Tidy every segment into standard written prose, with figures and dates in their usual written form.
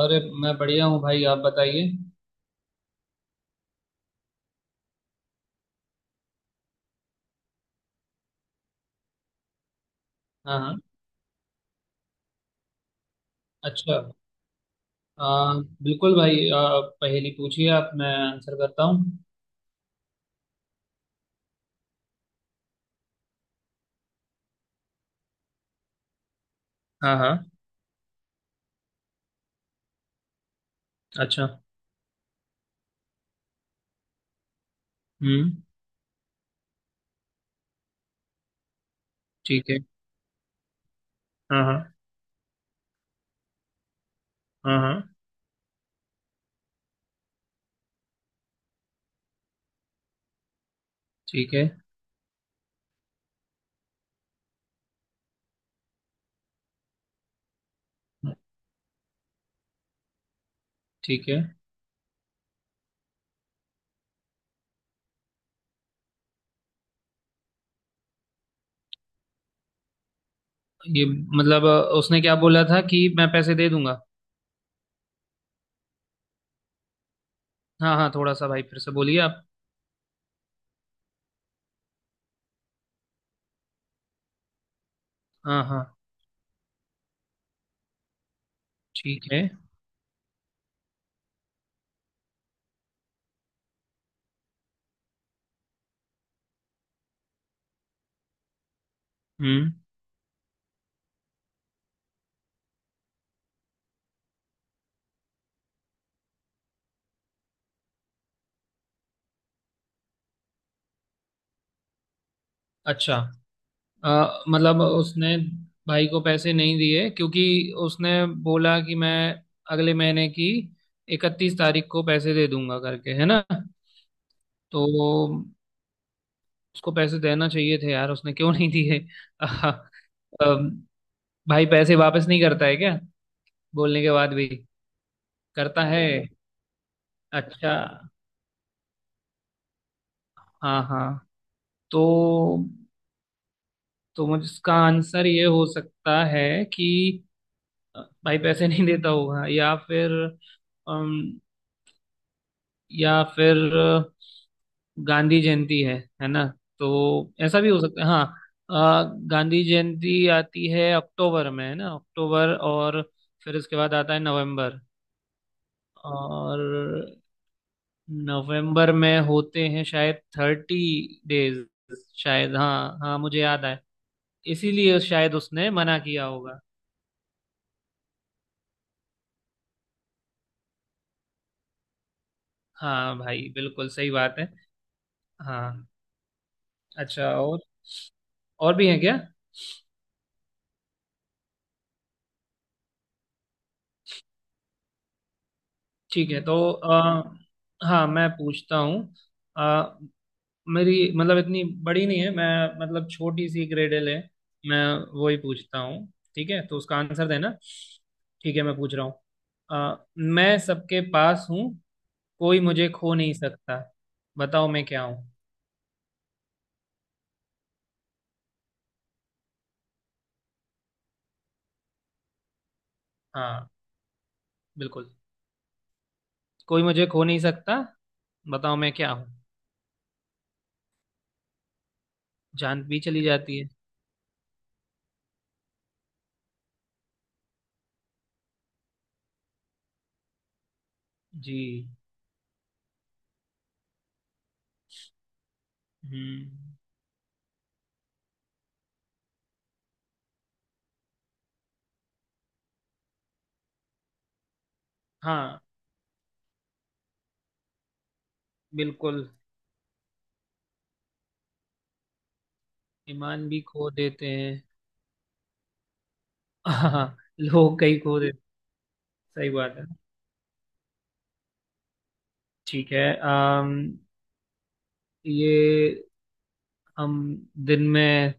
अरे मैं बढ़िया हूँ भाई। आप बताइए। हाँ हाँ। अच्छा। आ, बिल्कुल भाई पहेली पूछिए। आप मैं आंसर करता हूँ। हाँ हाँ। अच्छा। हम्म। ठीक है। हाँ हाँ। हाँ हाँ। ठीक है। ठीक है। ये मतलब उसने क्या बोला था कि मैं पैसे दे दूंगा। हाँ हाँ, थोड़ा सा भाई फिर से बोलिए आप। हाँ हाँ। ठीक है। हम्म। अच्छा। मतलब उसने भाई को पैसे नहीं दिए क्योंकि उसने बोला कि मैं अगले महीने की इकतीस तारीख को पैसे दे दूंगा करके, है ना। तो उसको पैसे देना चाहिए थे यार, उसने क्यों नहीं दिए? अह, अम, भाई पैसे वापस नहीं करता है क्या? बोलने के बाद भी। करता है। अच्छा। हाँ हाँ। तो तो मुझे इसका आंसर ये हो सकता है कि भाई पैसे नहीं देता होगा, या फिर या फिर अ, गांधी जयंती है ना। तो ऐसा भी हो सकता है हाँ। गांधी जयंती आती है अक्टूबर में, है ना। अक्टूबर और फिर उसके बाद आता है नवंबर। और नवंबर में होते हैं शायद थर्टी डेज शायद। हाँ हाँ, मुझे याद आया। इसीलिए शायद उसने मना किया होगा। हाँ भाई बिल्कुल सही बात है। हाँ। अच्छा, और भी है क्या? ठीक है तो हाँ, मैं पूछता हूँ। मेरी मतलब इतनी बड़ी नहीं है, मैं मतलब छोटी सी ग्रेडल है। मैं वही पूछता हूँ। ठीक है, तो उसका आंसर देना। ठीक है, मैं पूछ रहा हूँ। मैं सबके पास हूँ, कोई मुझे खो नहीं सकता, बताओ मैं क्या हूँ? हाँ। बिल्कुल। कोई मुझे खो नहीं सकता, बताओ मैं क्या हूँ? जान भी चली जाती है। जी। हम्म। हाँ। बिल्कुल। ईमान भी खो देते हैं। हाँ, लोग कई खो देते। सही बात है। ठीक है। अम ये, हम दिन में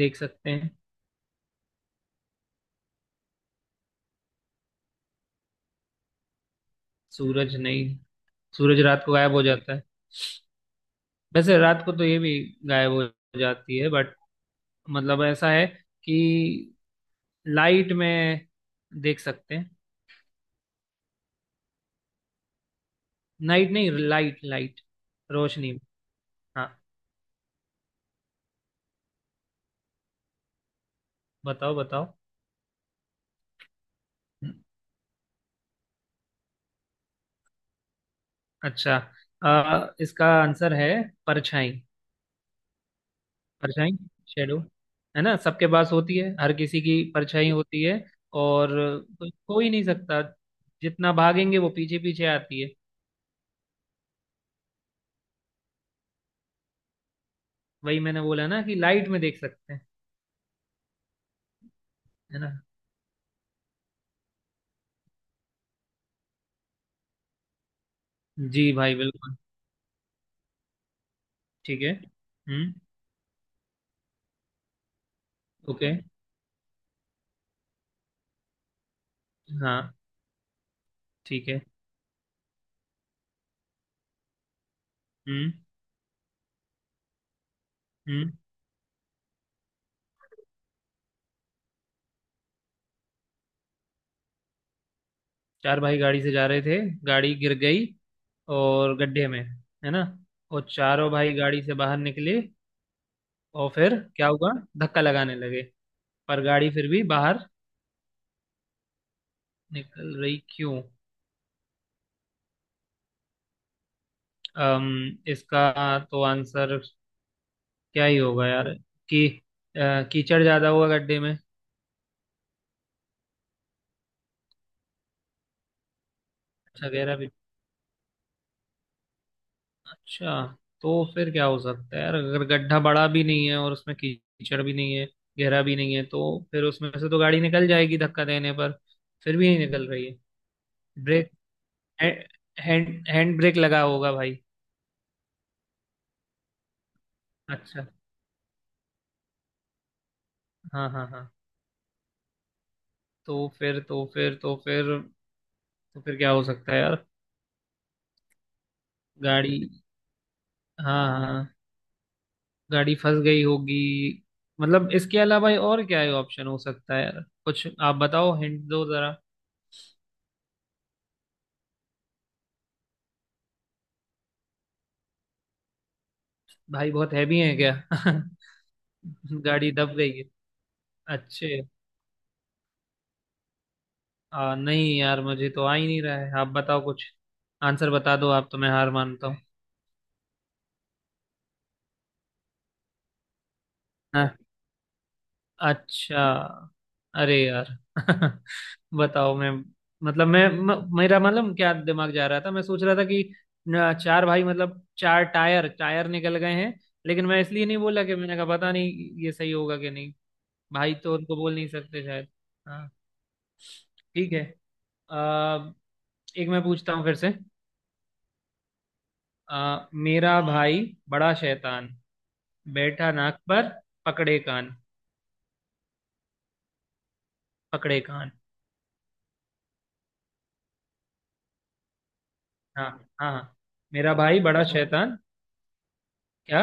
देख सकते हैं। सूरज नहीं, सूरज रात को गायब हो जाता है। वैसे रात को तो ये भी गायब हो जाती है बट, मतलब ऐसा है कि लाइट में देख सकते हैं। नाइट नहीं, लाइट लाइट। रोशनी में। हाँ। बताओ बताओ। अच्छा, इसका आंसर है परछाई। परछाई, शेडो, है ना? सबके पास होती है, हर किसी की परछाई होती है। और कोई खो ही नहीं सकता। जितना भागेंगे वो पीछे पीछे आती है। वही मैंने बोला ना कि लाइट में देख सकते हैं। है ना। जी भाई बिल्कुल। ठीक है। हम्म। ओके। हाँ। ठीक है। हम्म। हम्म। चार भाई गाड़ी से जा रहे थे, गाड़ी गिर गई और गड्ढे में, है ना। और चारों भाई गाड़ी से बाहर निकले, और फिर क्या हुआ? धक्का लगाने लगे, पर गाड़ी फिर भी बाहर निकल रही, क्यों? इसका तो आंसर क्या ही होगा यार, कि अ, कीचड़ ज्यादा हुआ गड्ढे में। अच्छा, गहरा भी। अच्छा, तो फिर क्या हो सकता है यार, अगर गड्ढा बड़ा भी नहीं है और उसमें कीचड़ भी नहीं है, गहरा भी नहीं है तो। फिर उसमें से तो गाड़ी निकल जाएगी धक्का देने पर। फिर भी नहीं निकल रही है। ब्रेक है, हैंड हैंड ब्रेक लगा होगा भाई। अच्छा। हाँ हाँ हाँ। तो फिर तो फिर तो फिर तो फिर क्या हो सकता है यार? गाड़ी हाँ हाँ, गाड़ी फंस गई होगी। मतलब इसके अलावा और क्या है ऑप्शन हो सकता है यार कुछ, आप बताओ हिंट दो जरा। भाई बहुत हैवी है क्या? गाड़ी दब गई है। अच्छे। नहीं यार, मुझे तो आ ही नहीं रहा है, आप बताओ कुछ। आंसर बता दो आप, तो मैं हार मानता हूँ। हाँ। अच्छा, अरे यार। बताओ, मैं मतलब मेरा मतलब क्या दिमाग जा रहा था, मैं सोच रहा था कि न, चार भाई मतलब चार टायर टायर निकल गए हैं। लेकिन मैं इसलिए नहीं बोला कि मैंने कहा पता नहीं ये सही होगा कि नहीं। भाई तो उनको बोल नहीं सकते शायद। हाँ। ठीक है। आ, एक मैं पूछता हूँ फिर से। मेरा भाई बड़ा शैतान, बैठा नाक पर, पकड़े कान। पकड़े कान। हाँ हाँ हाँ। मेरा भाई बड़ा शैतान। क्या?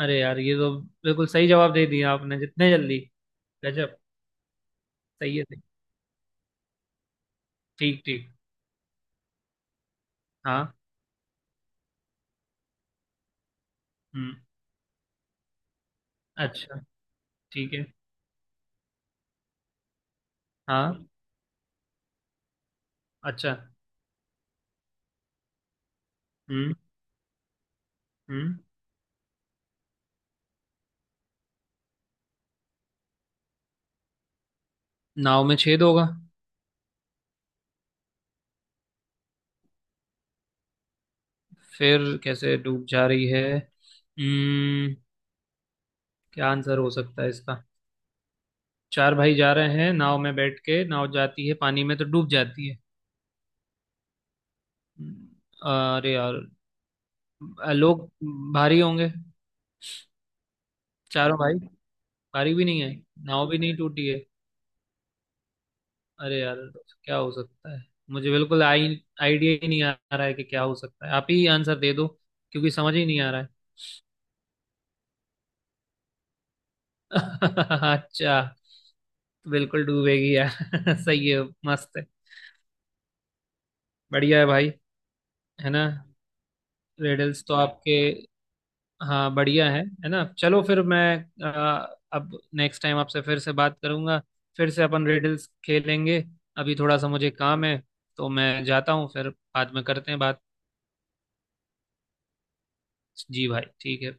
अरे यार, ये तो बिल्कुल सही जवाब दे दिया आपने जितने जल्दी। गजब। सही है। ठीक ठीक। हाँ। हम्म। अच्छा। ठीक है। हाँ। अच्छा। हम्म। हम्म। नाव में छेद होगा। फिर कैसे डूब जा रही है? क्या आंसर हो सकता है इसका? चार भाई जा रहे हैं नाव में बैठ के, नाव जाती है पानी में तो डूब जाती है। हम्म। अरे यार, लोग भारी होंगे। चारों भाई। भारी भी नहीं है। नाव भी नहीं टूटी है। अरे यार, क्या हो सकता है? मुझे बिल्कुल आई आइडिया ही नहीं आ रहा है कि क्या हो सकता है, आप ही आंसर दे दो। क्योंकि समझ ही नहीं आ रहा। है? अच्छा। तो बिल्कुल डूबेगी यार। सही है, मस्त है। बढ़िया है भाई। है ना। रिडल्स तो आपके। हाँ, बढ़िया है ना? चलो फिर मैं। अब नेक्स्ट टाइम आपसे फिर से बात करूंगा। फिर से अपन रिडल्स खेलेंगे। अभी थोड़ा सा मुझे काम है। तो मैं जाता हूँ, फिर बाद में करते हैं बात। जी भाई ठीक है।